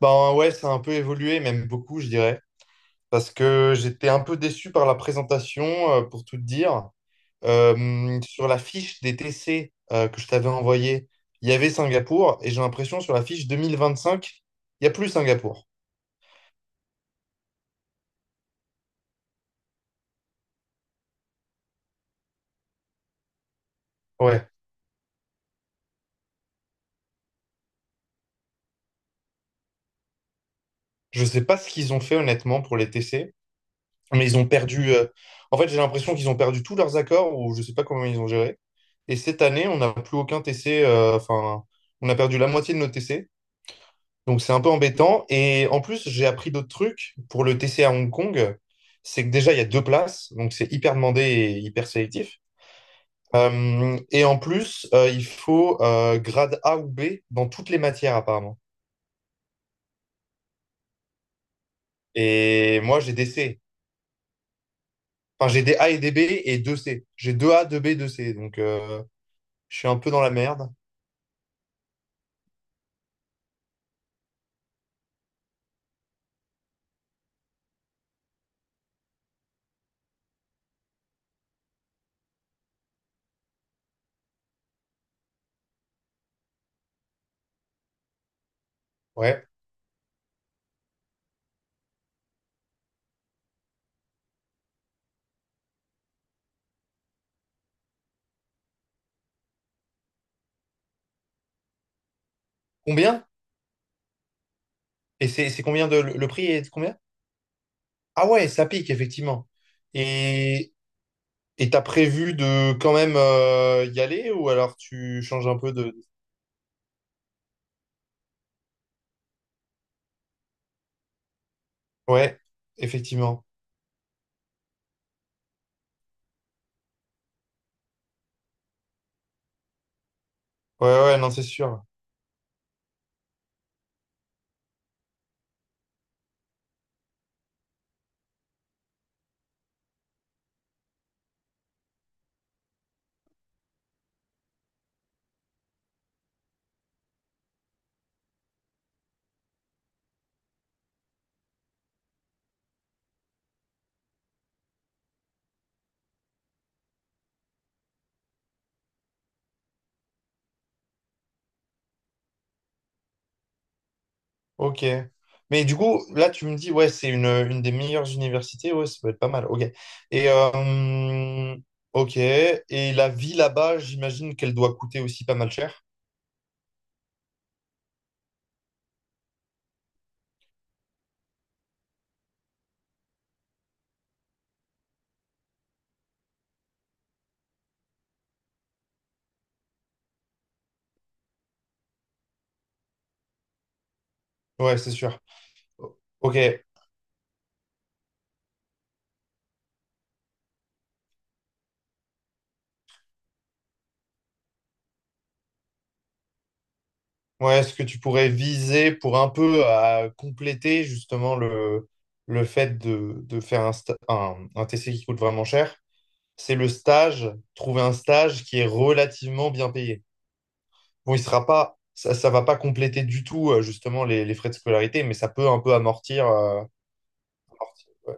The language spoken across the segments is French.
Ben ouais, ça a un peu évolué, même beaucoup, je dirais, parce que j'étais un peu déçu par la présentation, pour tout te dire. Sur la fiche des TC que je t'avais envoyée, il y avait Singapour, et j'ai l'impression sur la fiche 2025, il n'y a plus Singapour. Ouais. Je sais pas ce qu'ils ont fait honnêtement pour les TC, mais ils ont perdu. En fait, j'ai l'impression qu'ils ont perdu tous leurs accords, ou je sais pas comment ils ont géré. Et cette année, on n'a plus aucun TC, enfin, on a perdu la moitié de nos TC. Donc c'est un peu embêtant. Et en plus, j'ai appris d'autres trucs pour le TC à Hong Kong. C'est que déjà, il y a deux places, donc c'est hyper demandé et hyper sélectif. Et en plus, il faut grade A ou B dans toutes les matières apparemment. Et moi, j'ai des C. Enfin, j'ai des A et des B et deux C. J'ai deux A, deux B, deux C. Donc je suis un peu dans la merde. Ouais. Combien? Et c'est combien le prix est de combien? Ah ouais, ça pique effectivement. Et t'as prévu de quand même y aller ou alors tu changes un peu de... Ouais, effectivement. Ouais, ouais, non, c'est sûr. Ok. Mais du coup, là, tu me dis, ouais, une des meilleures universités. Ouais, ça peut être pas mal. Ok. Et, ok. Et la vie là-bas, j'imagine qu'elle doit coûter aussi pas mal cher. Ouais, c'est sûr. Ok. Ouais, est-ce que tu pourrais viser pour un peu à compléter justement le fait de faire un TC qui coûte vraiment cher? C'est le stage, trouver un stage qui est relativement bien payé. Bon, il sera pas, ça va pas compléter du tout justement les frais de scolarité, mais ça peut un peu amortir. Ouais.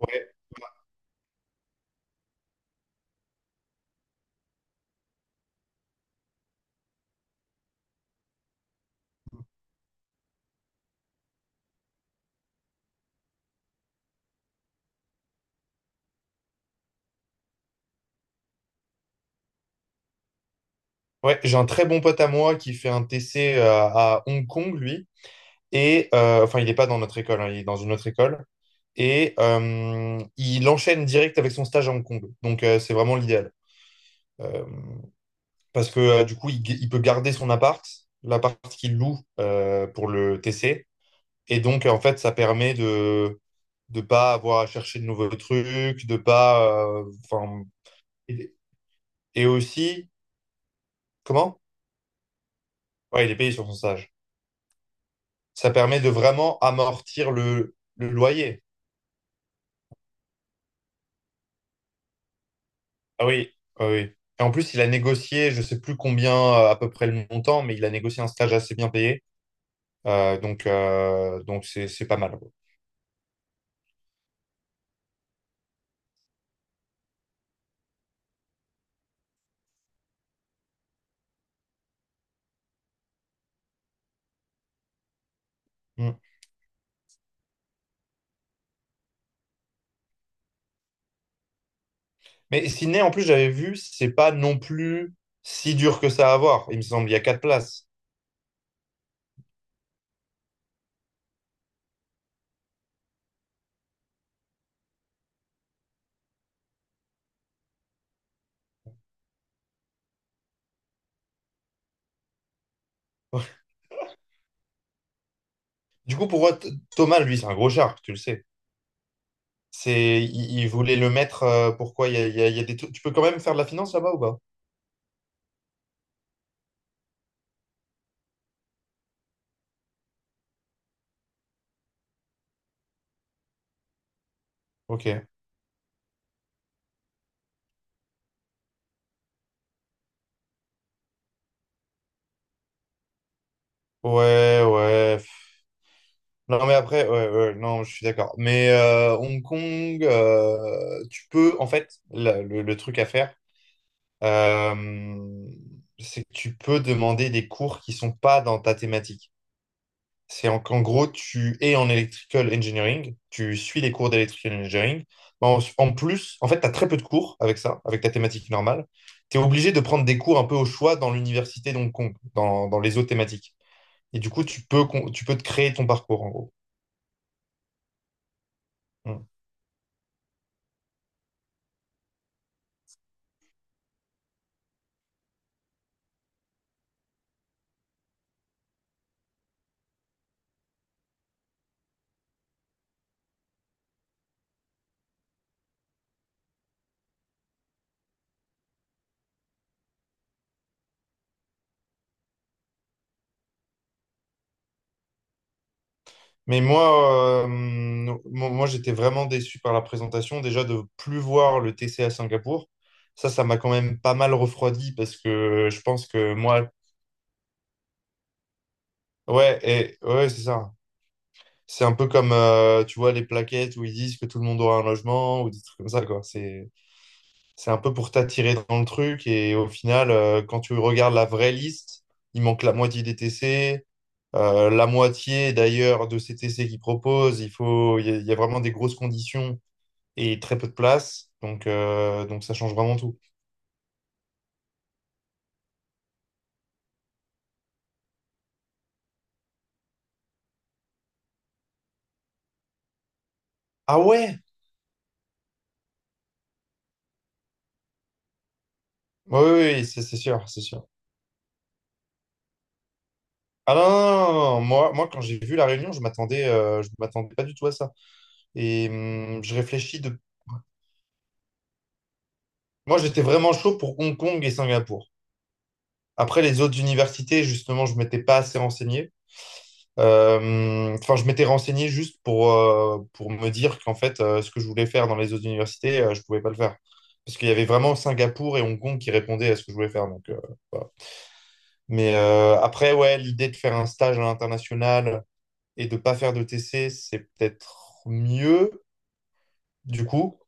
Ouais, ouais, j'ai un très bon pote à moi qui fait un TC à Hong Kong, lui. Et enfin, il n'est pas dans notre école, hein, il est dans une autre école. Et il enchaîne direct avec son stage à Hong Kong. Donc c'est vraiment l'idéal. Euh, parce que du coup, il peut garder son appart, l'appart qu'il loue pour le TC. Et donc, en fait, ça permet de ne pas avoir à chercher de nouveaux trucs, de pas... et, et aussi, comment? Ouais, il est payé sur son stage. Ça permet de vraiment amortir le loyer. Ah oui, ah oui. Et en plus, il a négocié, je sais plus combien à peu près le montant, mais il a négocié un stage assez bien payé. Donc c'est pas mal. Quoi. Mm. Mais Sydney, en plus, j'avais vu, c'est pas non plus si dur que ça à avoir. Il me semble, il y a quatre places. Ouais. Du coup, pour moi, Thomas, lui, c'est un gros shark, tu le sais. Il voulait le mettre. Pourquoi il y a des trucs. Tu peux quand même faire de la finance là-bas ou pas? Ok. Ouais, ouais. Non, mais après, ouais, ouais, non, je suis d'accord. Mais Hong Kong, tu peux, en fait, le truc à faire, euh, c'est que tu peux demander des cours qui sont pas dans ta thématique. Qu'en gros, tu es en electrical engineering, tu suis les cours d'electrical engineering. En plus, en fait, tu as très peu de cours avec ça, avec ta thématique normale. Tu es obligé de prendre des cours un peu au choix dans l'université d'Hong Kong, dans les autres thématiques. Et du coup, tu peux te créer ton parcours, en gros. Mm. Mais moi, moi, j'étais vraiment déçu par la présentation. Déjà, de plus voir le T C à Singapour, ça m'a quand même pas mal refroidi parce que je pense que moi, ouais, et, ouais, c'est ça. C'est un peu comme, tu vois, les plaquettes où ils disent que tout le monde aura un logement ou des trucs comme ça, quoi. C'est un peu pour t'attirer dans le truc et au final, quand tu regardes la vraie liste, il manque la moitié des TC. La moitié d'ailleurs de ces T C qu'ils proposent, il faut, il y a vraiment des grosses conditions et très peu de place. Donc ça change vraiment tout. Ah ouais? Oui, oui, oui, c'est sûr, c'est sûr. Ah non, non, non, non, moi, moi, quand j'ai vu La Réunion, je m'attendais pas du tout à ça. Et je réfléchis de... Moi, j'étais vraiment chaud pour Hong Kong et Singapour. Après, les autres universités, justement, je m'étais pas assez renseigné. Enfin, je m'étais renseigné juste pour me dire qu'en fait, ce que je voulais faire dans les autres universités, je pouvais pas le faire. Parce qu'il y avait vraiment Singapour et Hong Kong qui répondaient à ce que je voulais faire. Donc, voilà. Mais après, ouais, l'idée de faire un stage à l'international et de pas faire de TC, c'est peut-être mieux, du coup.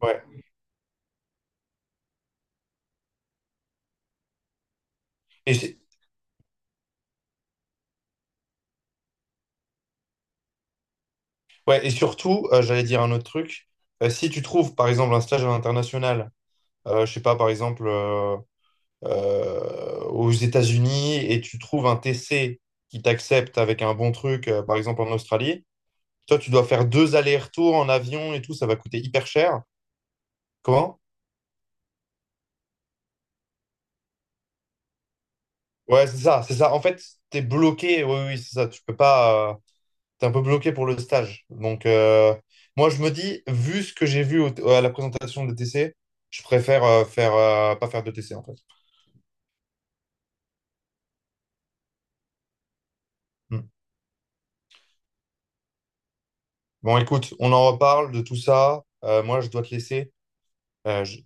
Ouais. Et, c'est- ouais, et surtout, j'allais dire un autre truc. Si tu trouves, par exemple, un stage à l'international, je sais pas, par exemple, aux États-Unis, et tu trouves un TC qui t'accepte avec un bon truc, par exemple en Australie, toi, tu dois faire deux allers-retours en avion et tout, ça va coûter hyper cher. Comment? Ouais, c'est ça, c'est ça. En fait, t'es bloqué, oui, oui, c'est ça. Tu peux pas. T'es un peu bloqué pour le stage. Moi, je me dis, vu ce que j'ai vu à la présentation de T C je préfère pas faire de T C en fait. Hmm. Bon, écoute, on en reparle de tout ça. Moi, je dois te laisser. Euh, je-